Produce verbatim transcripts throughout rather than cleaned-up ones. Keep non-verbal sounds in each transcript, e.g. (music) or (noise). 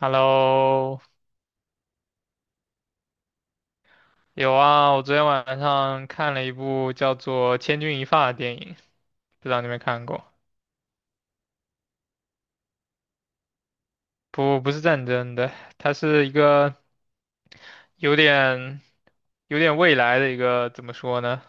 Hello。有啊，我昨天晚上看了一部叫做《千钧一发》的电影，不知道你有没有看过？不，不是战争的，它是一个有点有点未来的一个，怎么说呢？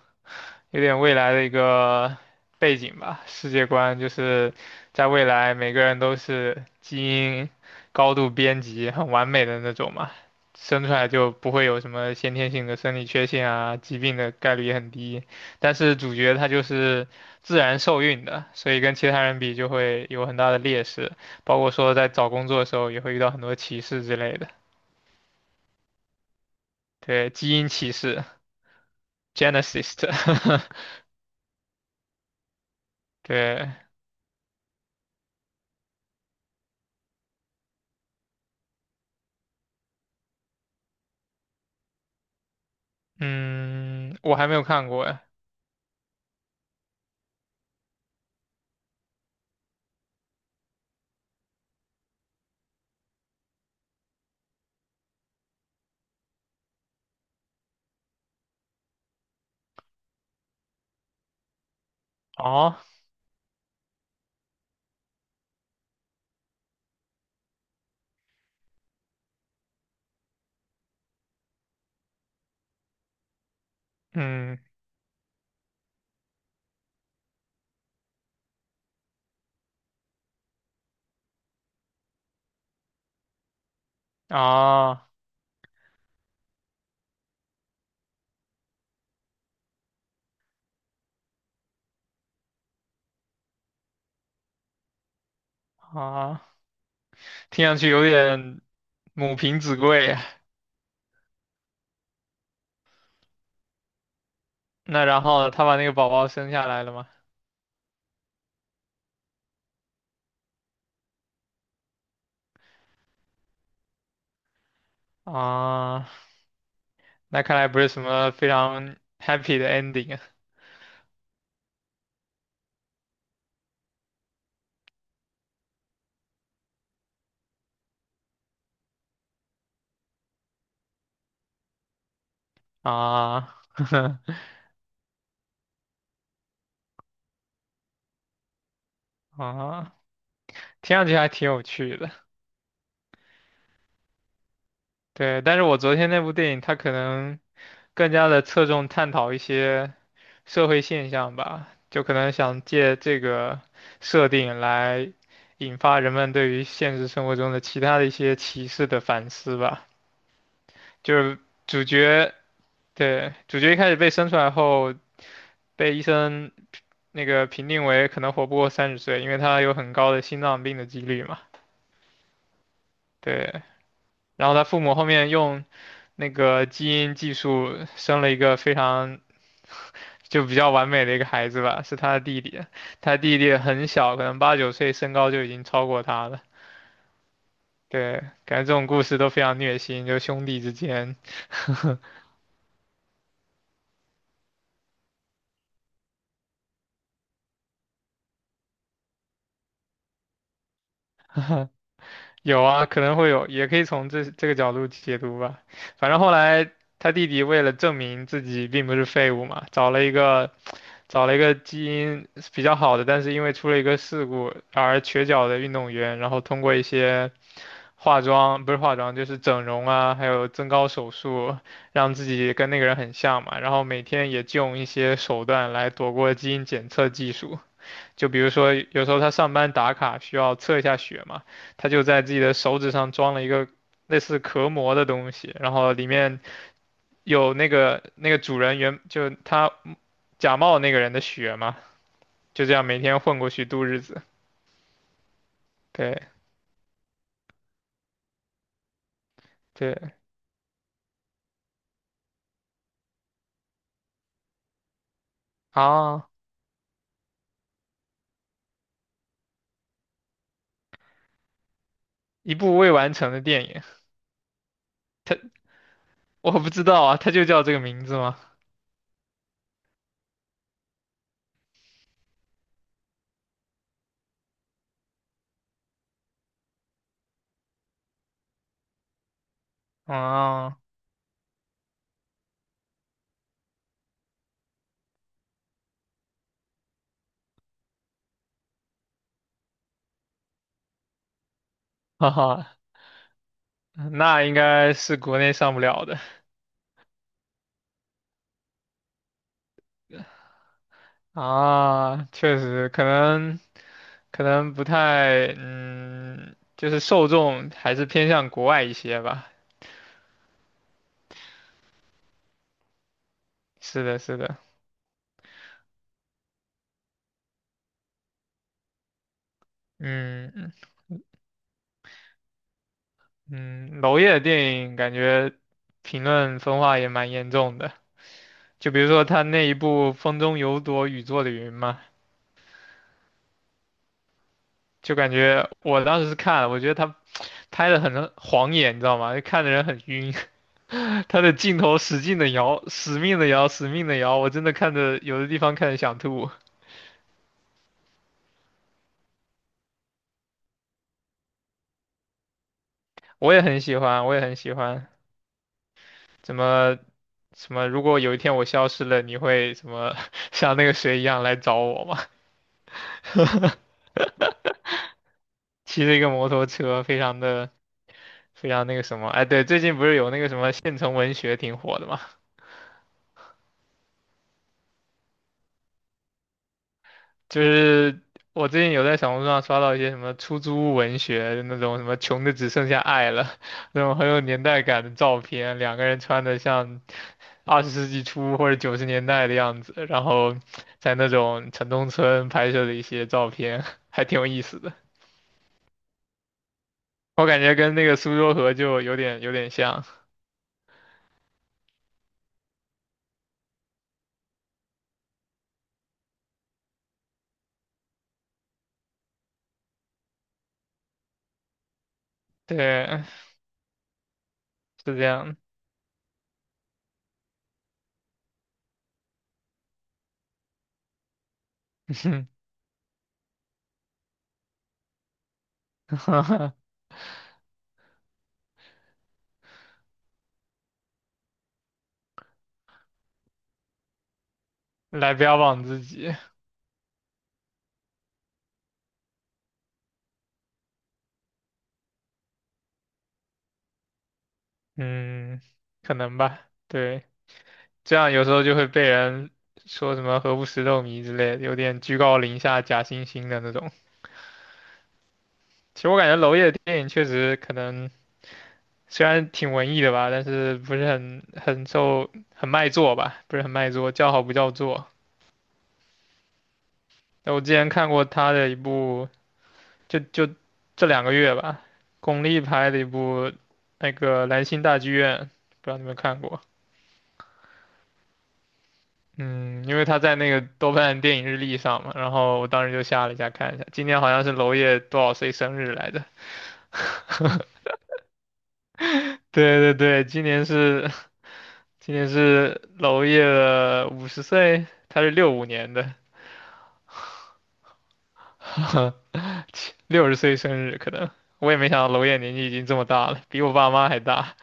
有点未来的一个背景吧，世界观就是在未来每个人都是基因高度编辑、很完美的那种嘛，生出来就不会有什么先天性的生理缺陷啊，疾病的概率也很低。但是主角他就是自然受孕的，所以跟其他人比就会有很大的劣势，包括说在找工作的时候也会遇到很多歧视之类的，对，基因歧视（ （genesis）。(laughs) 对，嗯，我还没有看过哎。哦，嗯，啊啊，听上去有点母凭子贵呀。那然后他把那个宝宝生下来了吗？啊，那看来不是什么非常 happy 的 ending 啊。啊，(laughs) 啊，听上去还挺有趣的。对，但是我昨天那部电影它可能更加的侧重探讨一些社会现象吧，就可能想借这个设定来引发人们对于现实生活中的其他的一些歧视的反思吧。就是主角，对，主角一开始被生出来后，被医生那个评定为可能活不过三十岁，因为他有很高的心脏病的几率嘛。对，然后他父母后面用那个基因技术生了一个非常就比较完美的一个孩子吧，是他的弟弟，他弟弟很小，可能八九岁，身高就已经超过他了。对，感觉这种故事都非常虐心，就兄弟之间，(laughs) 有啊，可能会有，也可以从这这个角度解读吧。反正后来他弟弟为了证明自己并不是废物嘛，找了一个找了一个基因比较好的，但是因为出了一个事故而瘸脚的运动员，然后通过一些化妆，不是化妆，就是整容啊，还有增高手术，让自己跟那个人很像嘛。然后每天也就用一些手段来躲过基因检测技术，就比如说有时候他上班打卡需要测一下血嘛，他就在自己的手指上装了一个类似壳膜的东西，然后里面有那个那个主人原就他假冒那个人的血嘛，就这样每天混过去度日子。对对啊，一部未完成的电影。它我不知道啊，他就叫这个名字吗？啊，(laughs) 哈哈，那应该是国内上不了的啊，确实，可能可能不太，嗯，就是受众还是偏向国外一些吧。是的，是的，嗯嗯，娄烨的电影感觉评论分化也蛮严重的，就比如说他那一部《风中有朵雨做的云》嘛，就感觉我当时是看了，我觉得他拍的很晃眼，你知道吗？就看的人很晕，(laughs) 他的镜头使劲的摇，死命的摇，死命的摇，我真的看的有的地方看的想吐。我也很喜欢，我也很喜欢。怎么什么？如果有一天我消失了，你会什么 (laughs) 像那个谁一样来找我吗？骑着一个摩托车，非常的非常那个什么？哎，对，最近不是有那个什么县城文学挺火的吗？就是我最近有在小红书上刷到一些什么出租屋文学那种什么穷的只剩下爱了，(laughs) 那种很有年代感的照片，两个人穿的像二十世纪初或者九十年代的样子，然后在那种城中村拍摄的一些照片，(laughs) 还挺有意思的。我感觉跟那个苏州河就有点有点像，对，是这样，(laughs) 来标榜自己，嗯，可能吧，对。这样有时候就会被人说什么“何不食肉糜”之类的，有点居高临下、假惺惺的那种。其实我感觉娄烨的电影确实可能虽然挺文艺的吧，但是不是很很受很卖座吧，不是很卖座，叫好不叫座。那我之前看过他的一部，就就这两个月吧，巩俐拍的一部那个《兰心大剧院》，不知道你们看过。嗯，因为他在那个豆瓣电影日历上嘛，然后我当时就下了一下看一下，今年好像是娄烨多少岁生日来着？(laughs) 对对对，今年是今年是娄烨的五十岁，他是六五年的，(laughs) 六十岁生日可能。我也没想到娄烨年纪已经这么大了，比我爸妈还大。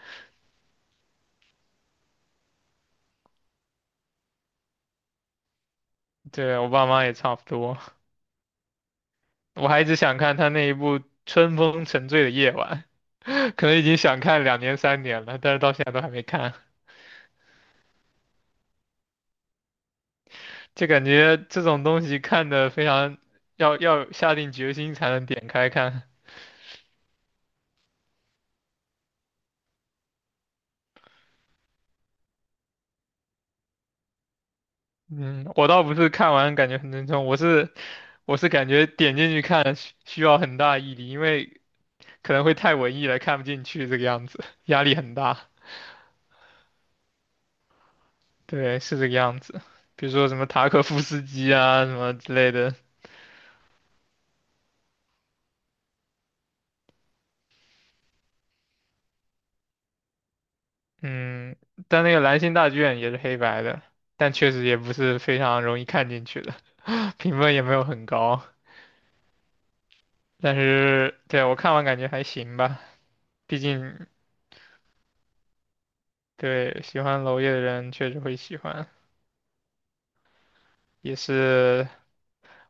对，我爸妈也差不多。我还一直想看他那一部《春风沉醉的夜晚》，(laughs) 可能已经想看两年三年了，但是到现在都还没看。就感觉这种东西看的非常要要下定决心才能点开看。嗯，我倒不是看完感觉很沉重，我是我是感觉点进去看需需要很大毅力，因为可能会太文艺了，看不进去这个样子，压力很大。对，是这个样子。比如说什么塔可夫斯基啊什么之类的，嗯，但那个《兰心大剧院》也是黑白的，但确实也不是非常容易看进去的，(laughs) 评分也没有很高。但是对我看完感觉还行吧，毕竟对喜欢娄烨的人确实会喜欢，也是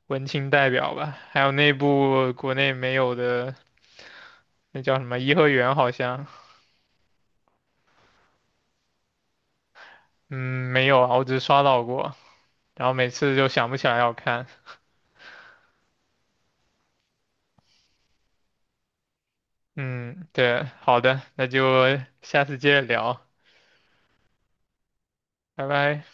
文青代表吧。还有那部国内没有的，那叫什么颐和园好像，嗯，没有啊，我只刷到过，然后每次就想不起来要看。嗯，对，好的，那就下次接着聊，拜拜。